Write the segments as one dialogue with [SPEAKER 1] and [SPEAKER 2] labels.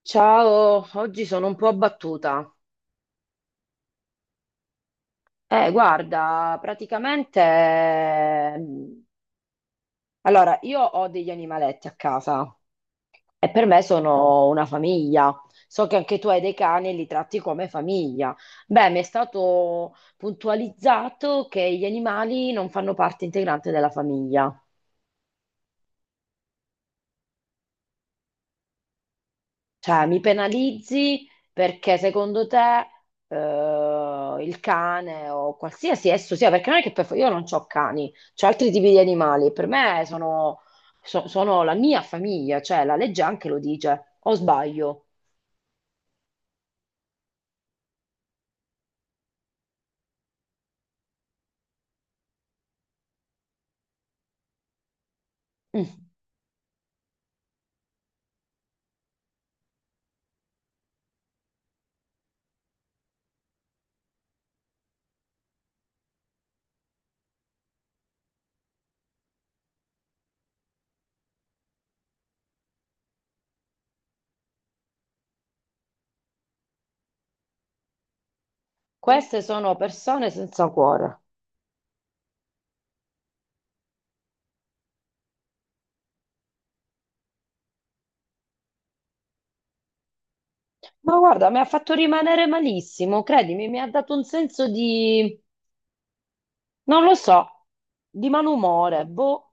[SPEAKER 1] Ciao, oggi sono un po' abbattuta. Guarda, praticamente, allora, io ho degli animaletti a casa e per me sono una famiglia. So che anche tu hai dei cani e li tratti come famiglia. Beh, mi è stato puntualizzato che gli animali non fanno parte integrante della famiglia. Cioè, mi penalizzi perché secondo te, il cane o qualsiasi esso sia, perché non è che per, io non ho cani, ho altri tipi di animali, per me sono, sono la mia famiglia, cioè la legge anche lo dice, o sbaglio. Mm. Queste sono persone senza cuore. Ma guarda, mi ha fatto rimanere malissimo, credimi, mi ha dato un senso di, non lo so, di malumore, boh.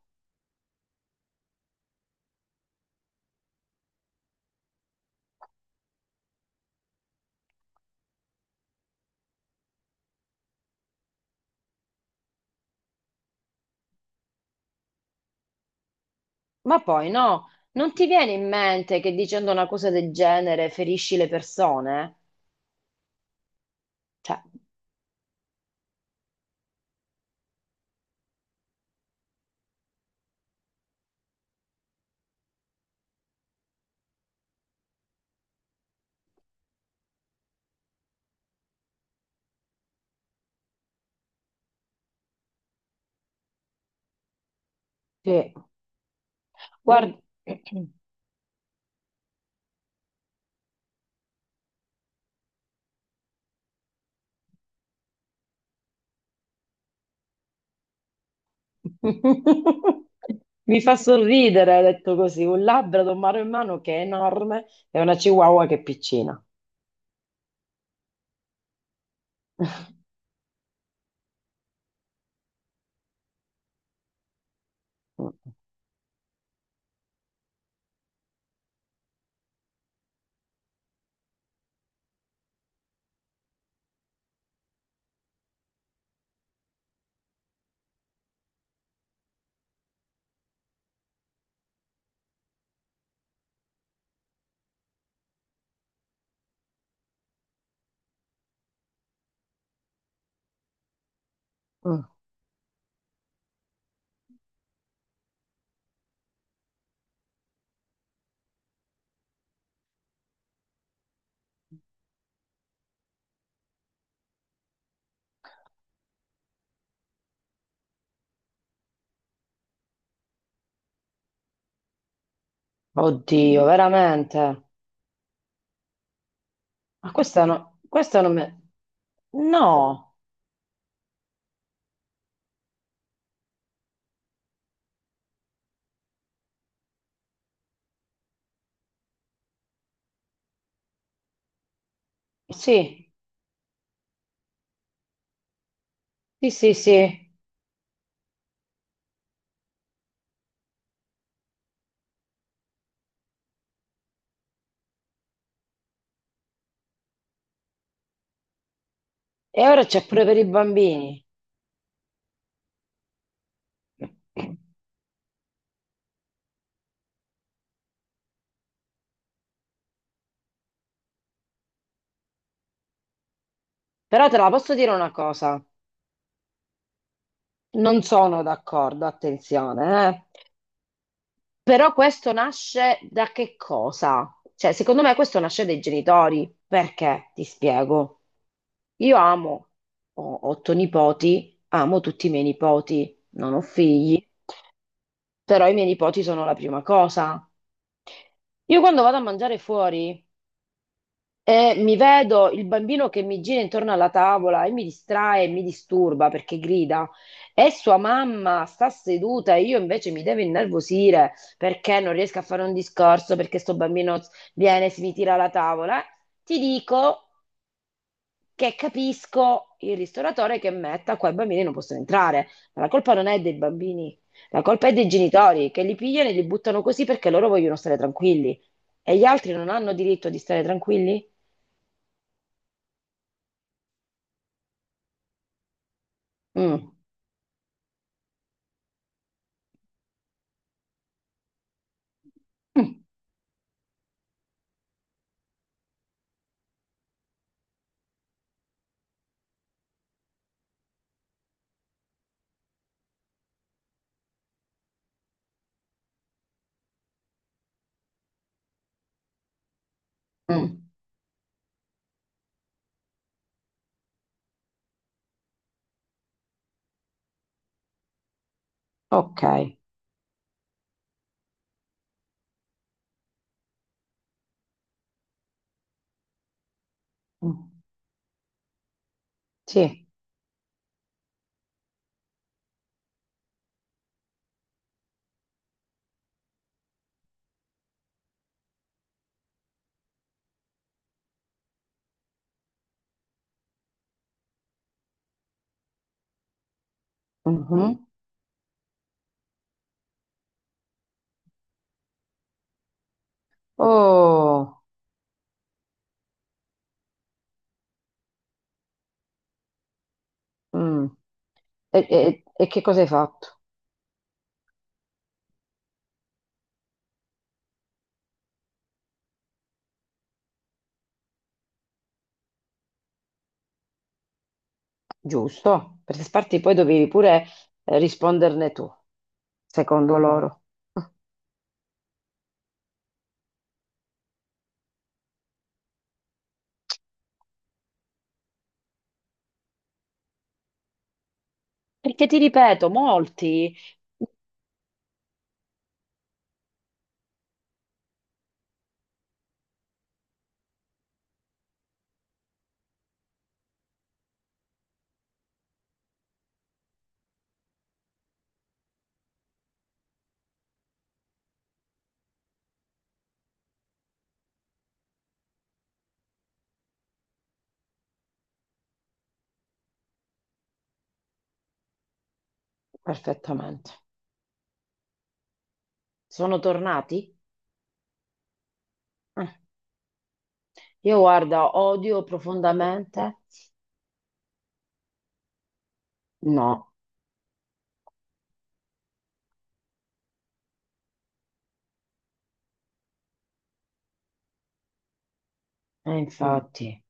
[SPEAKER 1] Ma poi no, non ti viene in mente che dicendo una cosa del genere ferisci le persone? Cioè, sì, guarda, mi fa sorridere, detto così, un labbro un mano in mano che è enorme e una chihuahua che è piccina. Mm. Mm. Oddio, veramente. Ma questa no, questa non me. No, sì, sì, sì, sì. E ora c'è pure per i bambini. Però te la posso dire una cosa. Non sono d'accordo, attenzione, eh. Però questo nasce da che cosa? Cioè, secondo me questo nasce dai genitori. Perché? Ti spiego. Io amo, ho otto nipoti, amo tutti i miei nipoti, non ho figli, però i miei nipoti sono la prima cosa. Io quando vado a mangiare fuori e mi vedo il bambino che mi gira intorno alla tavola e mi distrae e mi disturba perché grida. E sua mamma sta seduta e io invece mi devo innervosire perché non riesco a fare un discorso, perché sto bambino viene e si mi tira alla tavola. Ti dico che capisco il ristoratore che metta qua i bambini non possono entrare, ma la colpa non è dei bambini, la colpa è dei genitori che li pigliano e li buttano così perché loro vogliono stare tranquilli. E gli altri non hanno diritto di stare tranquilli? Mm. Mm, ok, mm, sì. Mhm. Oh, mm. E che cosa hai fatto? Giusto, perché Sparti poi dovevi pure risponderne tu, secondo loro. Perché ti ripeto, molti. Perfettamente. Sono tornati. Eh, Io guarda, odio profondamente. No, mm, infatti.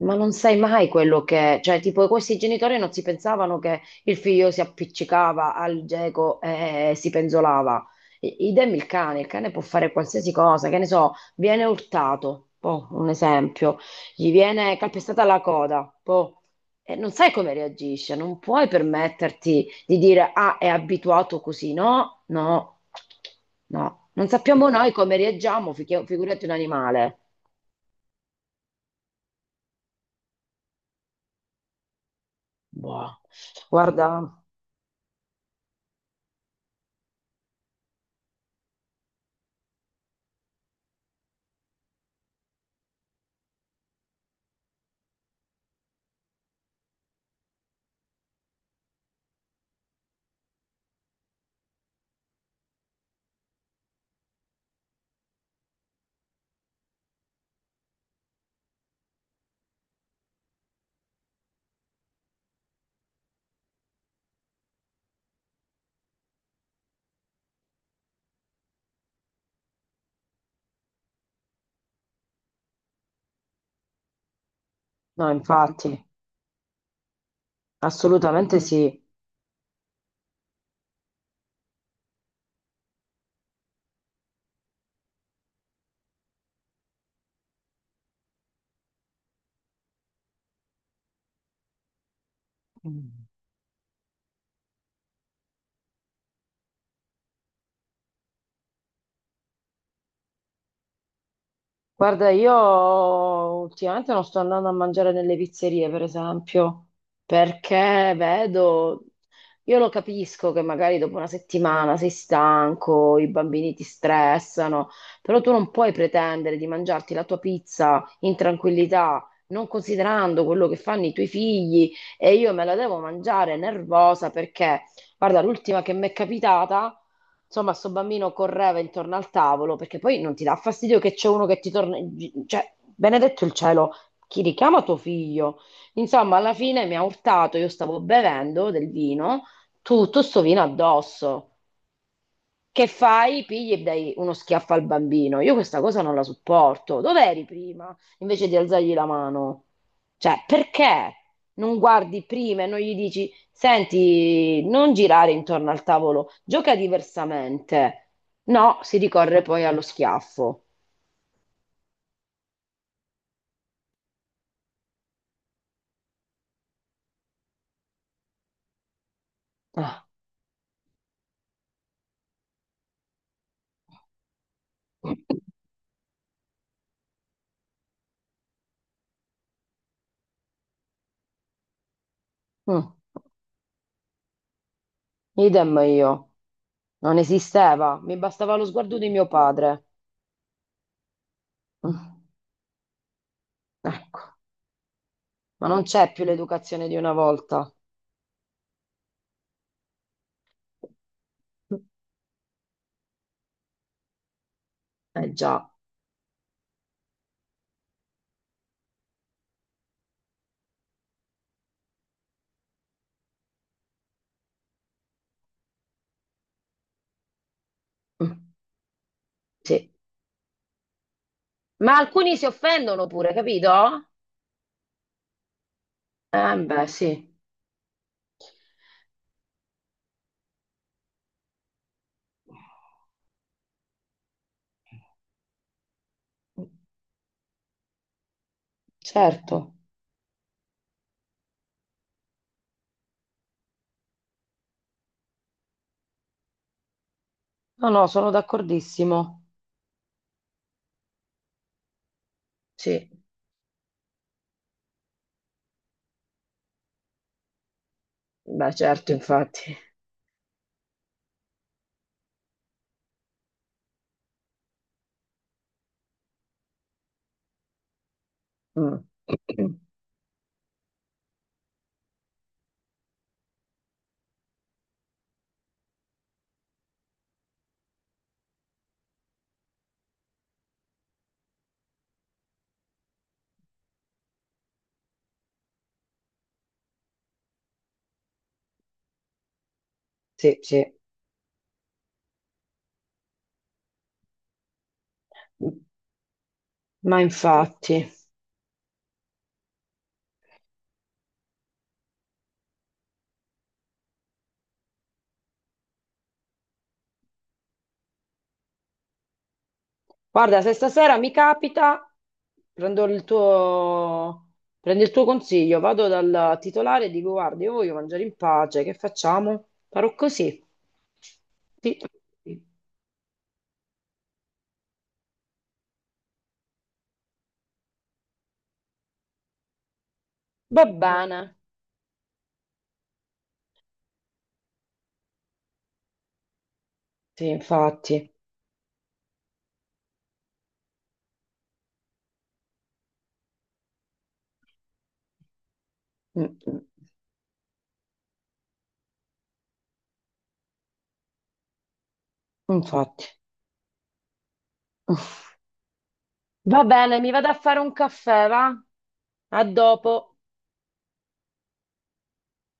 [SPEAKER 1] Ma non sai mai quello che, cioè, tipo, questi genitori non si pensavano che il figlio si appiccicava al geco e si penzolava. Idem il cane può fare qualsiasi cosa, che ne so, viene urtato, boh, un esempio, gli viene calpestata la coda, boh, e non sai come reagisce, non puoi permetterti di dire, ah, è abituato così, no, no, no, non sappiamo noi come reagiamo, figurati un animale. Boh, guarda. No, infatti, assolutamente sì. Mm. Guarda, io ultimamente non sto andando a mangiare nelle pizzerie, per esempio, perché vedo, io lo capisco che magari dopo una settimana sei stanco, i bambini ti stressano, però tu non puoi pretendere di mangiarti la tua pizza in tranquillità, non considerando quello che fanno i tuoi figli e io me la devo mangiare nervosa perché, guarda, l'ultima che mi è capitata. Insomma, sto bambino correva intorno al tavolo perché poi non ti dà fastidio che c'è uno che ti torna. Cioè, benedetto il cielo, chi richiama tuo figlio? Insomma, alla fine mi ha urtato, io stavo bevendo del vino, tutto sto vino addosso. Che fai? Pigli e dai uno schiaffo al bambino. Io questa cosa non la sopporto. Dov'eri prima? Invece di alzargli la mano. Cioè, perché non guardi prima e non gli dici, senti, non girare intorno al tavolo, gioca diversamente. No, si ricorre poi allo schiaffo. Ah. Mm. Idem io. Non esisteva, mi bastava lo sguardo di mio padre. Mm. Ecco, ma non c'è più l'educazione di una volta. Eh già. Mm. Sì. Ma alcuni si offendono pure, capito? Beh, sì. Certo. No, no, sono d'accordissimo. Sì, beh, certo, infatti. Mm. Sì, sì. Ma infatti, guarda, se stasera mi capita, prendo il tuo, prendo il tuo consiglio, vado dal titolare e dico, guarda, io voglio mangiare in pace, che facciamo? Farò così. Sì. Va bene. Sì, infatti. Mm, mm, infatti. Va bene, mi vado a fare un caffè, va? A dopo.